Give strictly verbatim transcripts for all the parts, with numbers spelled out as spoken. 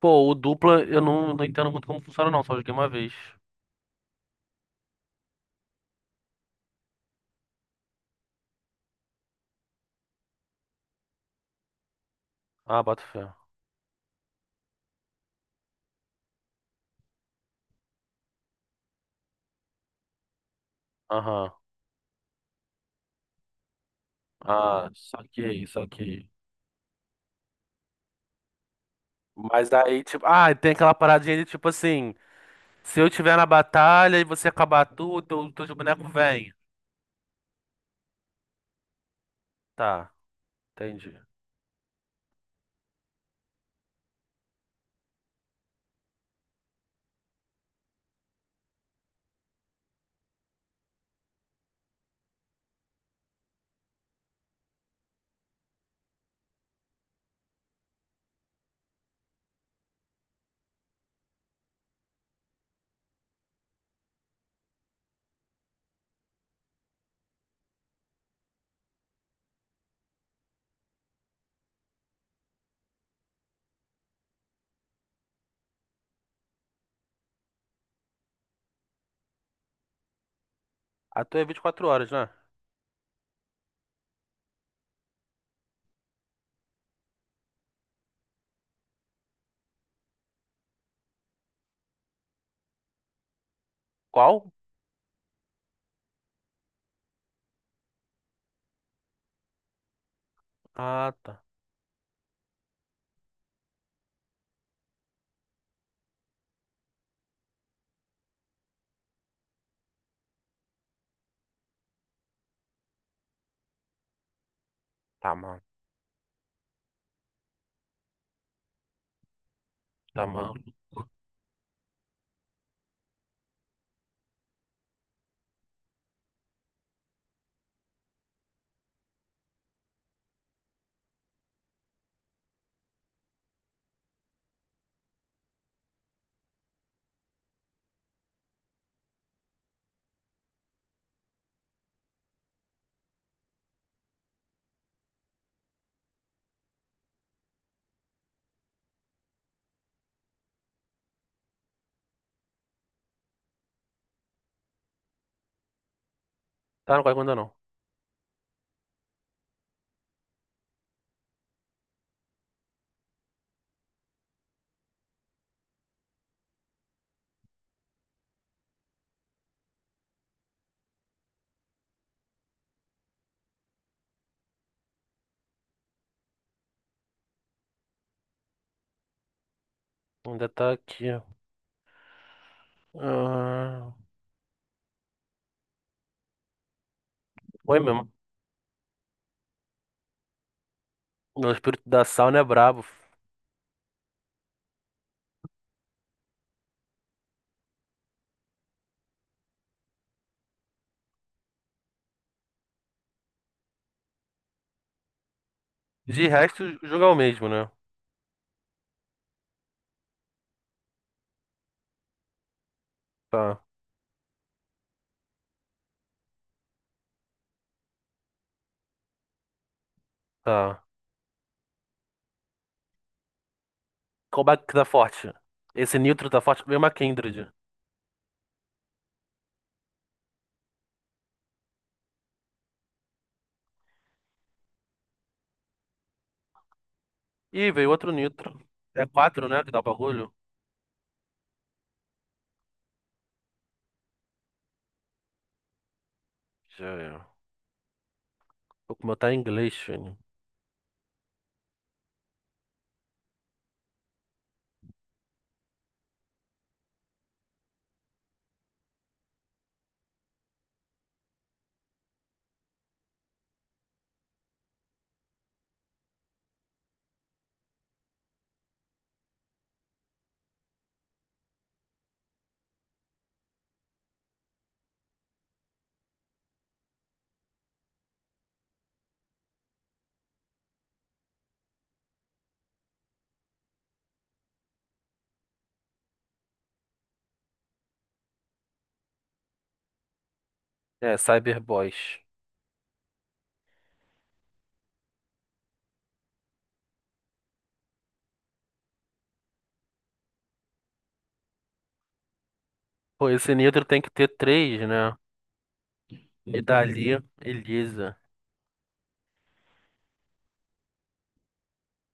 Pô, o dupla eu não, não entendo muito como funciona, não. Só joguei uma vez. Ah, boto fé. Aham. Ah, saquei, saquei. Mas aí, tipo, ah, tem aquela paradinha de tipo assim: se eu tiver na batalha e você acabar tudo, teu, teu boneco vem. Tá, entendi. A tua é vinte e quatro horas, né? Qual? Ah, tá. Tá, mano. Tá, mano. Tá, não caiu ainda não. Ainda tá aqui. Ah, foi mesmo. O espírito da sauna é brabo. De resto, o jogo é o mesmo, né? Tá, tá. Qual back que tá forte? Esse Nitro tá forte. Veio uma Kindred. Ih, veio outro Nitro. É quatro, né? Que dá o bagulho. Já é. Pô, como eu tá em inglês, filho. É, Cyberboys. Pô, esse Nitro tem que ter três, né? E dali, Elisa.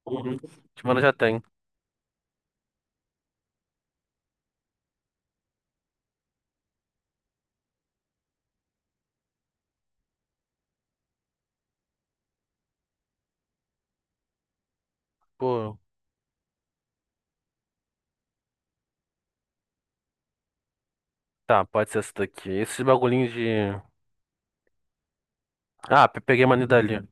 Uhum. Timana já tem. Pô, tá, pode ser essa daqui. Esses bagulhinhos de. Ah, pe- peguei uma Nidalee. O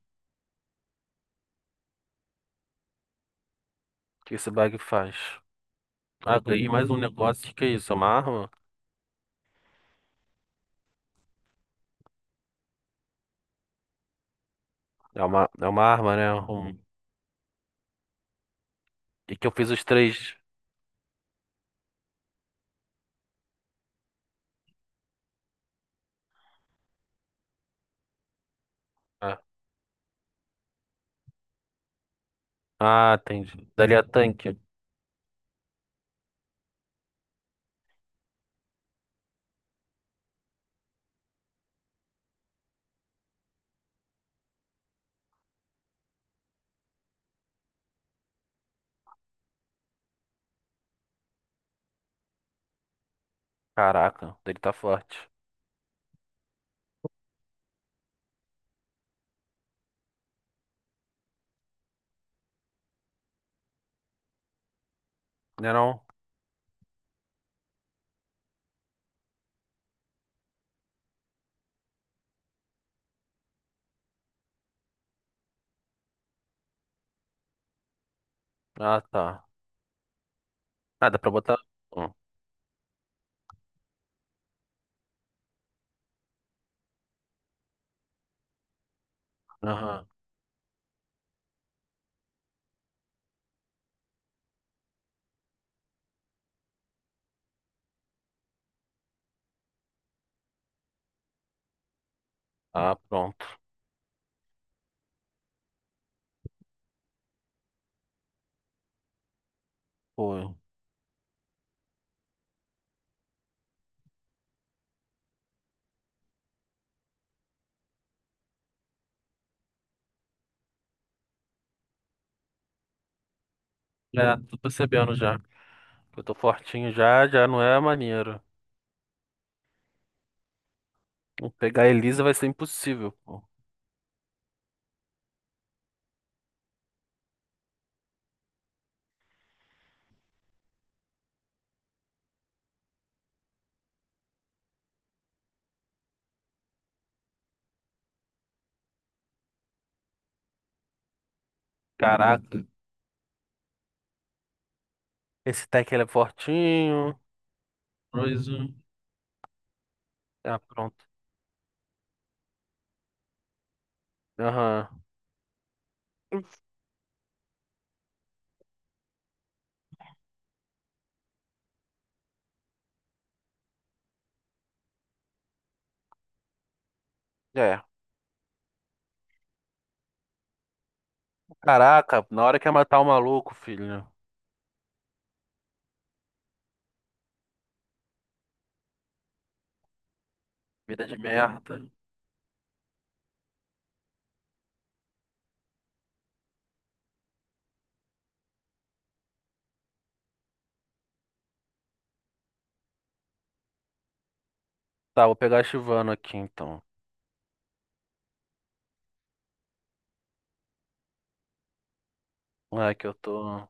que esse bag faz? Ah, ganhei mais um negócio. O que que é isso? É uma arma? É uma, é uma arma, né? Um... E que eu fiz os três. Ah. Ah, entendi. Dali é tanque. Caraca, dele tá forte. Né não? Ah, tá. Ah, dá pra botar. Hum, Aham. Ah, pronto. Foi. É, tô percebendo já. Eu tô fortinho já, já não é maneiro. Vou pegar a Elisa, vai ser impossível, pô. Caraca. Esse tech ele é fortinho. Coisa. Ah, pronto. Aham. É. Caraca, na hora que é matar o maluco, filho. Vida de merda. Tá, vou pegar a Chivano aqui então. É que eu tô.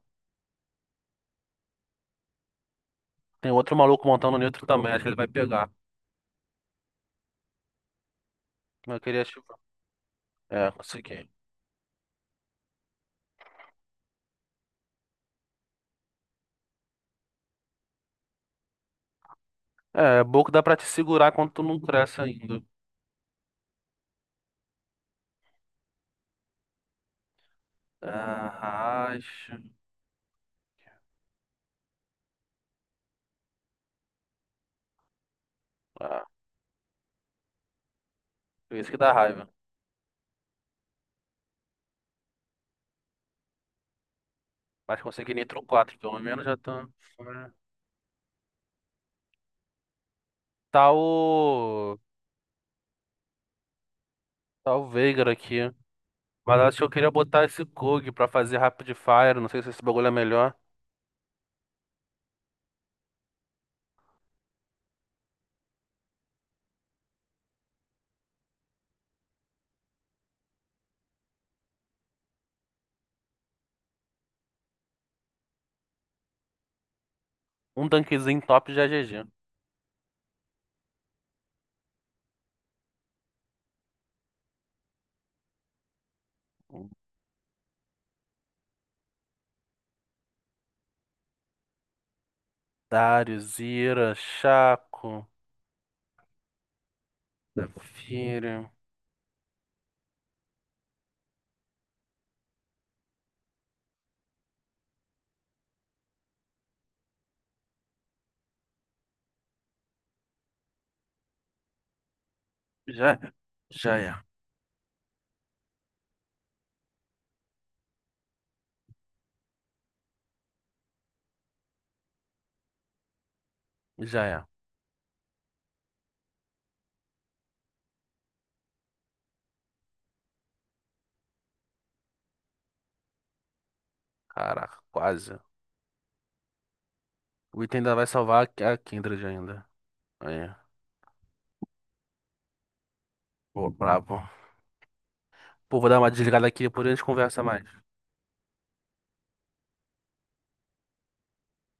Tem outro maluco montando neutro também, acho que ele vai pegar. Eu queria ativar. É, consegui. É, é bom que dá pra te segurar quando tu não cresce ainda. Ah, acho. Ah, isso que dá raiva. Mas consegui nitro quatro pelo menos, já tá. Tá o. Tá o Veigar aqui. Mas acho que eu queria botar esse Kog pra fazer Rapid Fire. Não sei se esse bagulho é melhor. Um tanquezinho top já é G G. Darius, Ira, Chaco, Zafira. Já é. Já é. Já é. Caraca, quase. O item ainda vai salvar a a Kindred ainda. Aí, pô, brabo. Pô, vou dar uma desligada aqui, depois a gente conversa mais.